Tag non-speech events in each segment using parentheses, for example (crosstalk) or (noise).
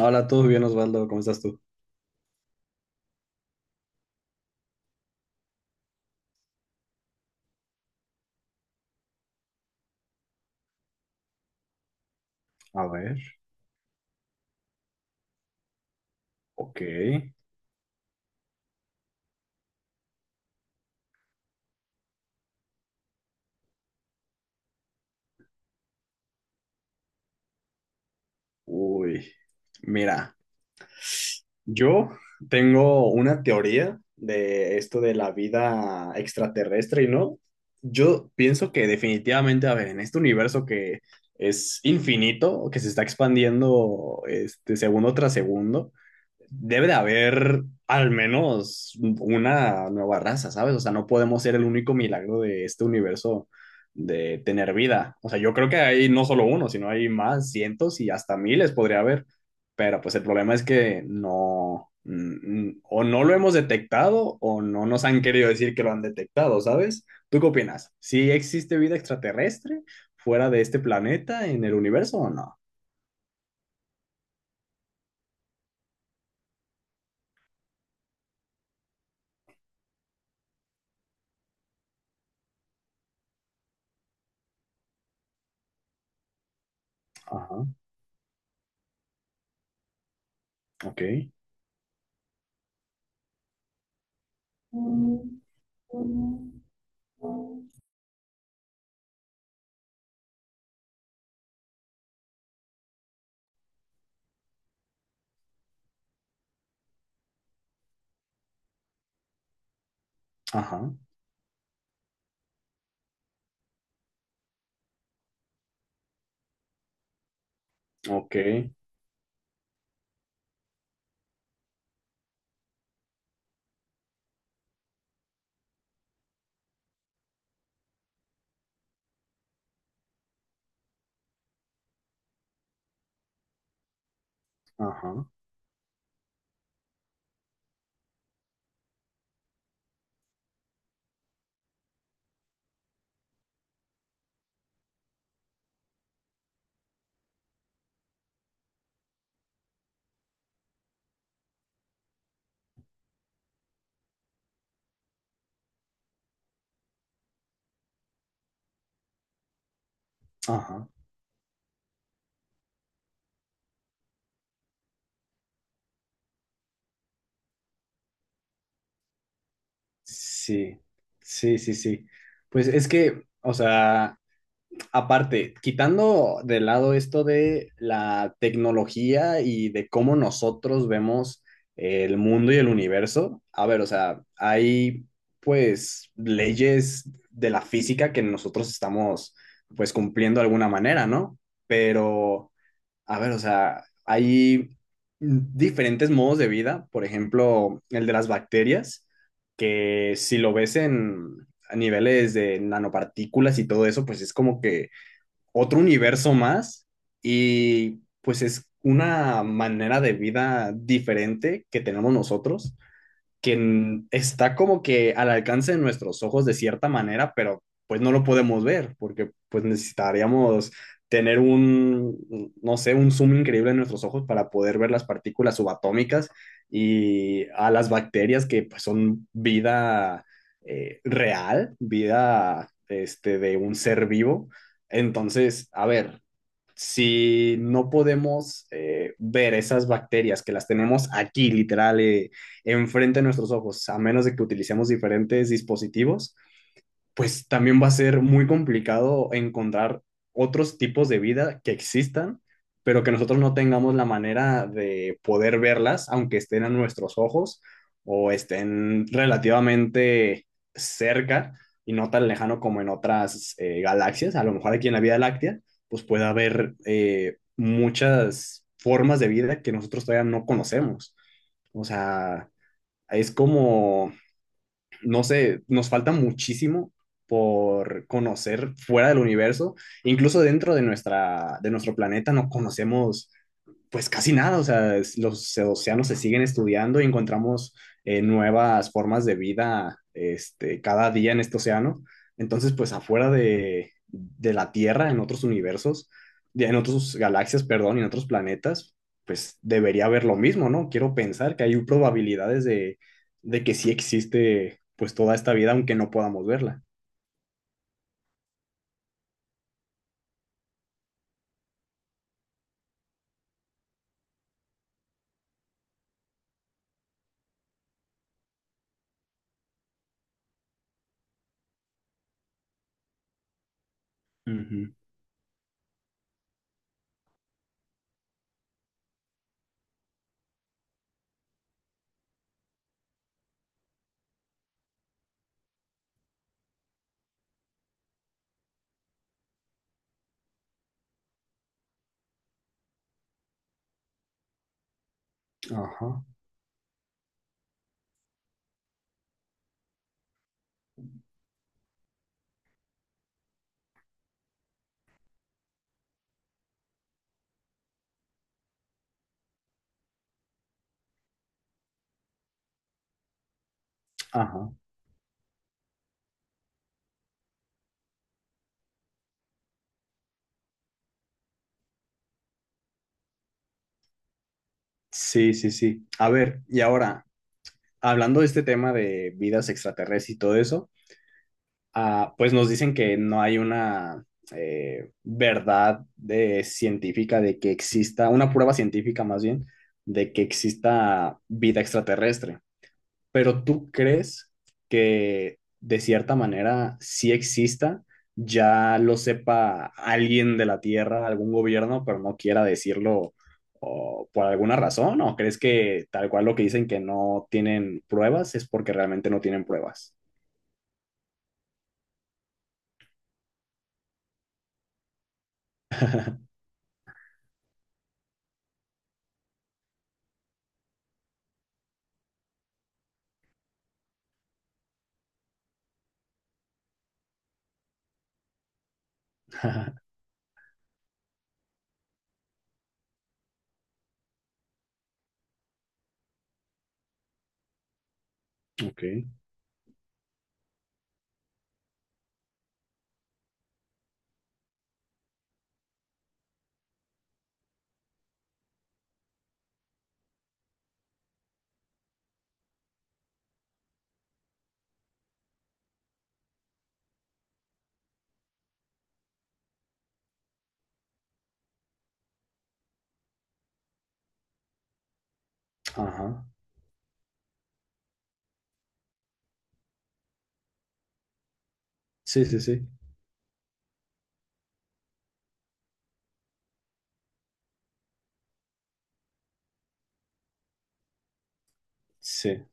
Hola, ¿todo bien, Osvaldo? ¿Cómo estás tú? A ver. Ok. Uy, mira, yo tengo una teoría de esto de la vida extraterrestre y no. Yo pienso que definitivamente, a ver, en este universo que es infinito, que se está expandiendo este segundo tras segundo, debe de haber al menos una nueva raza, ¿sabes? O sea, no podemos ser el único milagro de este universo de tener vida. O sea, yo creo que hay no solo uno, sino hay más, cientos y hasta miles podría haber. Pero pues el problema es que no, o no lo hemos detectado o no nos han querido decir que lo han detectado, ¿sabes? ¿Tú qué opinas? ¿Sí existe vida extraterrestre fuera de este planeta en el universo o no? Ajá, ok. Mm. Ajá, ok, ajá, ajá. Sí, sí, sí, sí. Pues es que, o sea, aparte, quitando de lado esto de la tecnología y de cómo nosotros vemos el mundo y el universo, a ver, o sea, hay pues leyes de la física que nosotros estamos pues cumpliendo de alguna manera, ¿no? Pero. A ver, o sea, hay diferentes modos de vida, por ejemplo, el de las bacterias, que si lo ves en a niveles de nanopartículas y todo eso, pues es como que otro universo más y pues es una manera de vida diferente que tenemos nosotros que está como que al alcance de nuestros ojos de cierta manera, pero pues no lo podemos ver, porque pues necesitaríamos tener un, no sé, un zoom increíble en nuestros ojos para poder ver las partículas subatómicas y a las bacterias que pues, son vida real, vida de un ser vivo. Entonces, a ver, si no podemos ver esas bacterias que las tenemos aquí, literal, enfrente de nuestros ojos, a menos de que utilicemos diferentes dispositivos, pues también va a ser muy complicado encontrar otros tipos de vida que existan, pero que nosotros no tengamos la manera de poder verlas, aunque estén a nuestros ojos o estén relativamente cerca y no tan lejano como en otras galaxias. A lo mejor aquí en la Vía Láctea, pues puede haber muchas formas de vida que nosotros todavía no conocemos. O sea, es como no sé, nos falta muchísimo por conocer fuera del universo, incluso dentro de nuestra, de nuestro planeta no conocemos pues casi nada, o sea, los océanos se siguen estudiando y encontramos nuevas formas de vida cada día en este océano. Entonces, pues afuera de la Tierra, en otros universos, en otras galaxias, perdón, y en otros planetas, pues debería haber lo mismo, ¿no? Quiero pensar que hay probabilidades de que sí existe pues toda esta vida, aunque no podamos verla. Ujú. Ajá, ajá. Sí, sí, sí. A ver, y ahora, hablando de este tema de vidas extraterrestres y todo eso, ah, pues nos dicen que no hay una verdad de, científica de que exista, una prueba científica más bien, de que exista vida extraterrestre. Pero ¿tú crees que de cierta manera sí exista? Ya lo sepa alguien de la Tierra, algún gobierno, pero no quiera decirlo o por alguna razón, ¿o crees que tal cual lo que dicen que no tienen pruebas es porque realmente no tienen pruebas? (laughs) Ok, ajá. Sí, sí, sí. Sí.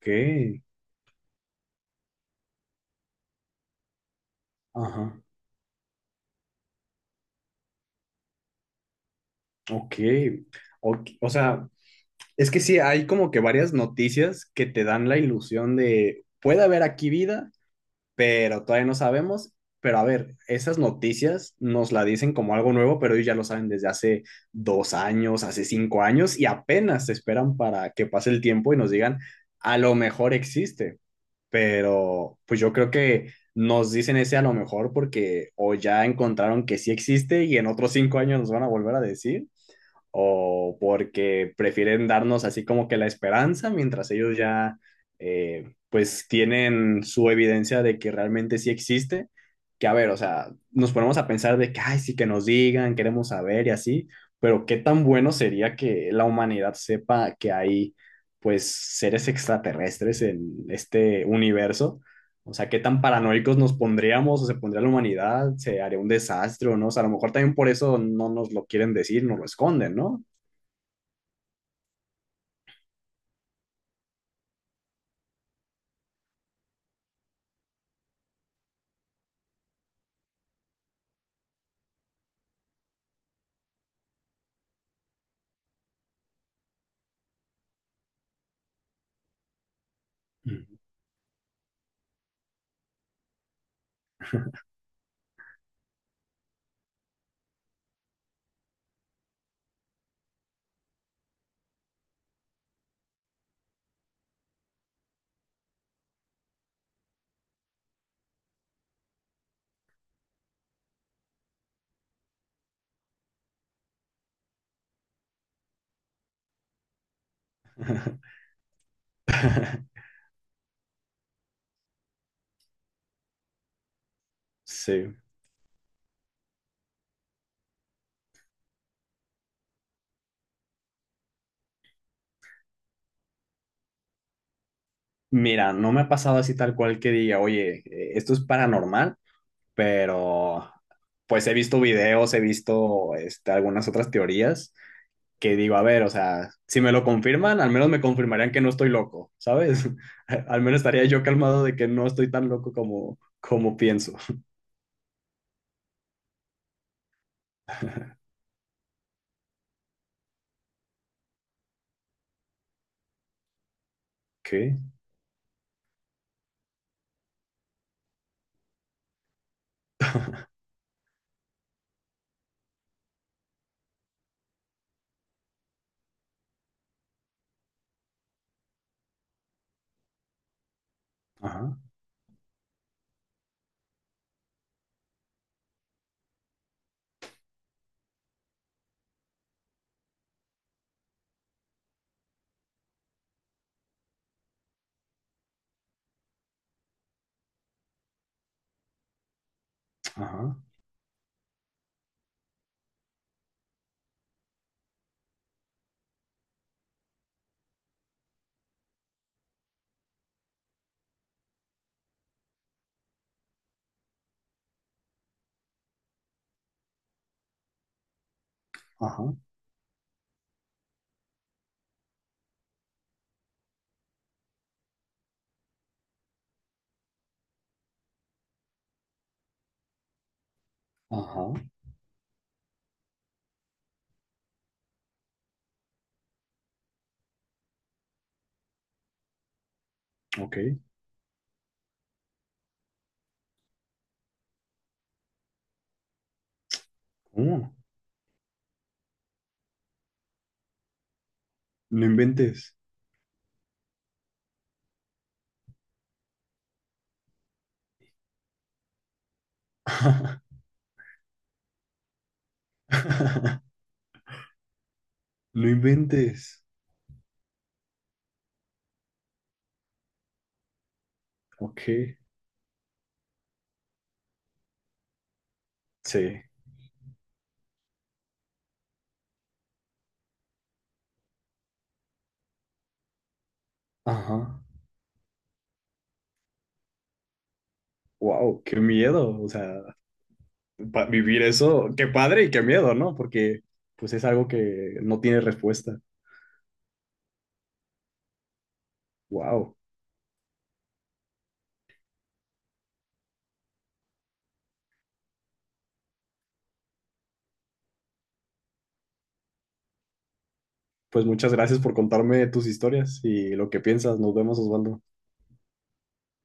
Ok, ajá. Ok. Ok, o sea, es que sí, hay como que varias noticias que te dan la ilusión de puede haber aquí vida pero todavía no sabemos. Pero a ver, esas noticias nos la dicen como algo nuevo, pero ellos ya lo saben desde hace 2 años, hace 5 años, y apenas se esperan para que pase el tiempo y nos digan, a lo mejor existe, pero pues yo creo que nos dicen ese a lo mejor porque o ya encontraron que sí existe y en otros 5 años nos van a volver a decir, o porque prefieren darnos así como que la esperanza mientras ellos ya pues tienen su evidencia de que realmente sí existe. Que a ver, o sea, nos ponemos a pensar de que, ay, sí que nos digan, queremos saber y así, pero qué tan bueno sería que la humanidad sepa que hay pues seres extraterrestres en este universo, o sea, qué tan paranoicos nos pondríamos o se pondría la humanidad, se haría un desastre o no. O sea, a lo mejor también por eso no nos lo quieren decir, nos lo esconden, ¿no? Mm. (laughs) Sí. Mira, no me ha pasado así tal cual que diga, oye, esto es paranormal, pero pues he visto videos, he visto algunas otras teorías que digo, a ver, o sea, si me lo confirman, al menos me confirmarían que no estoy loco, ¿sabes? (laughs) Al menos estaría yo calmado de que no estoy tan loco como, como pienso. ¿Qué? Ajá, ajá. Ajá, ajá, ok. Oh, no inventes. (laughs) No inventes. Ok, sí. Ajá. Wow, qué miedo. O sea, vivir eso, qué padre y qué miedo, ¿no? Porque pues es algo que no tiene respuesta. Wow. Pues muchas gracias por contarme tus historias y lo que piensas. Nos vemos, Osvaldo.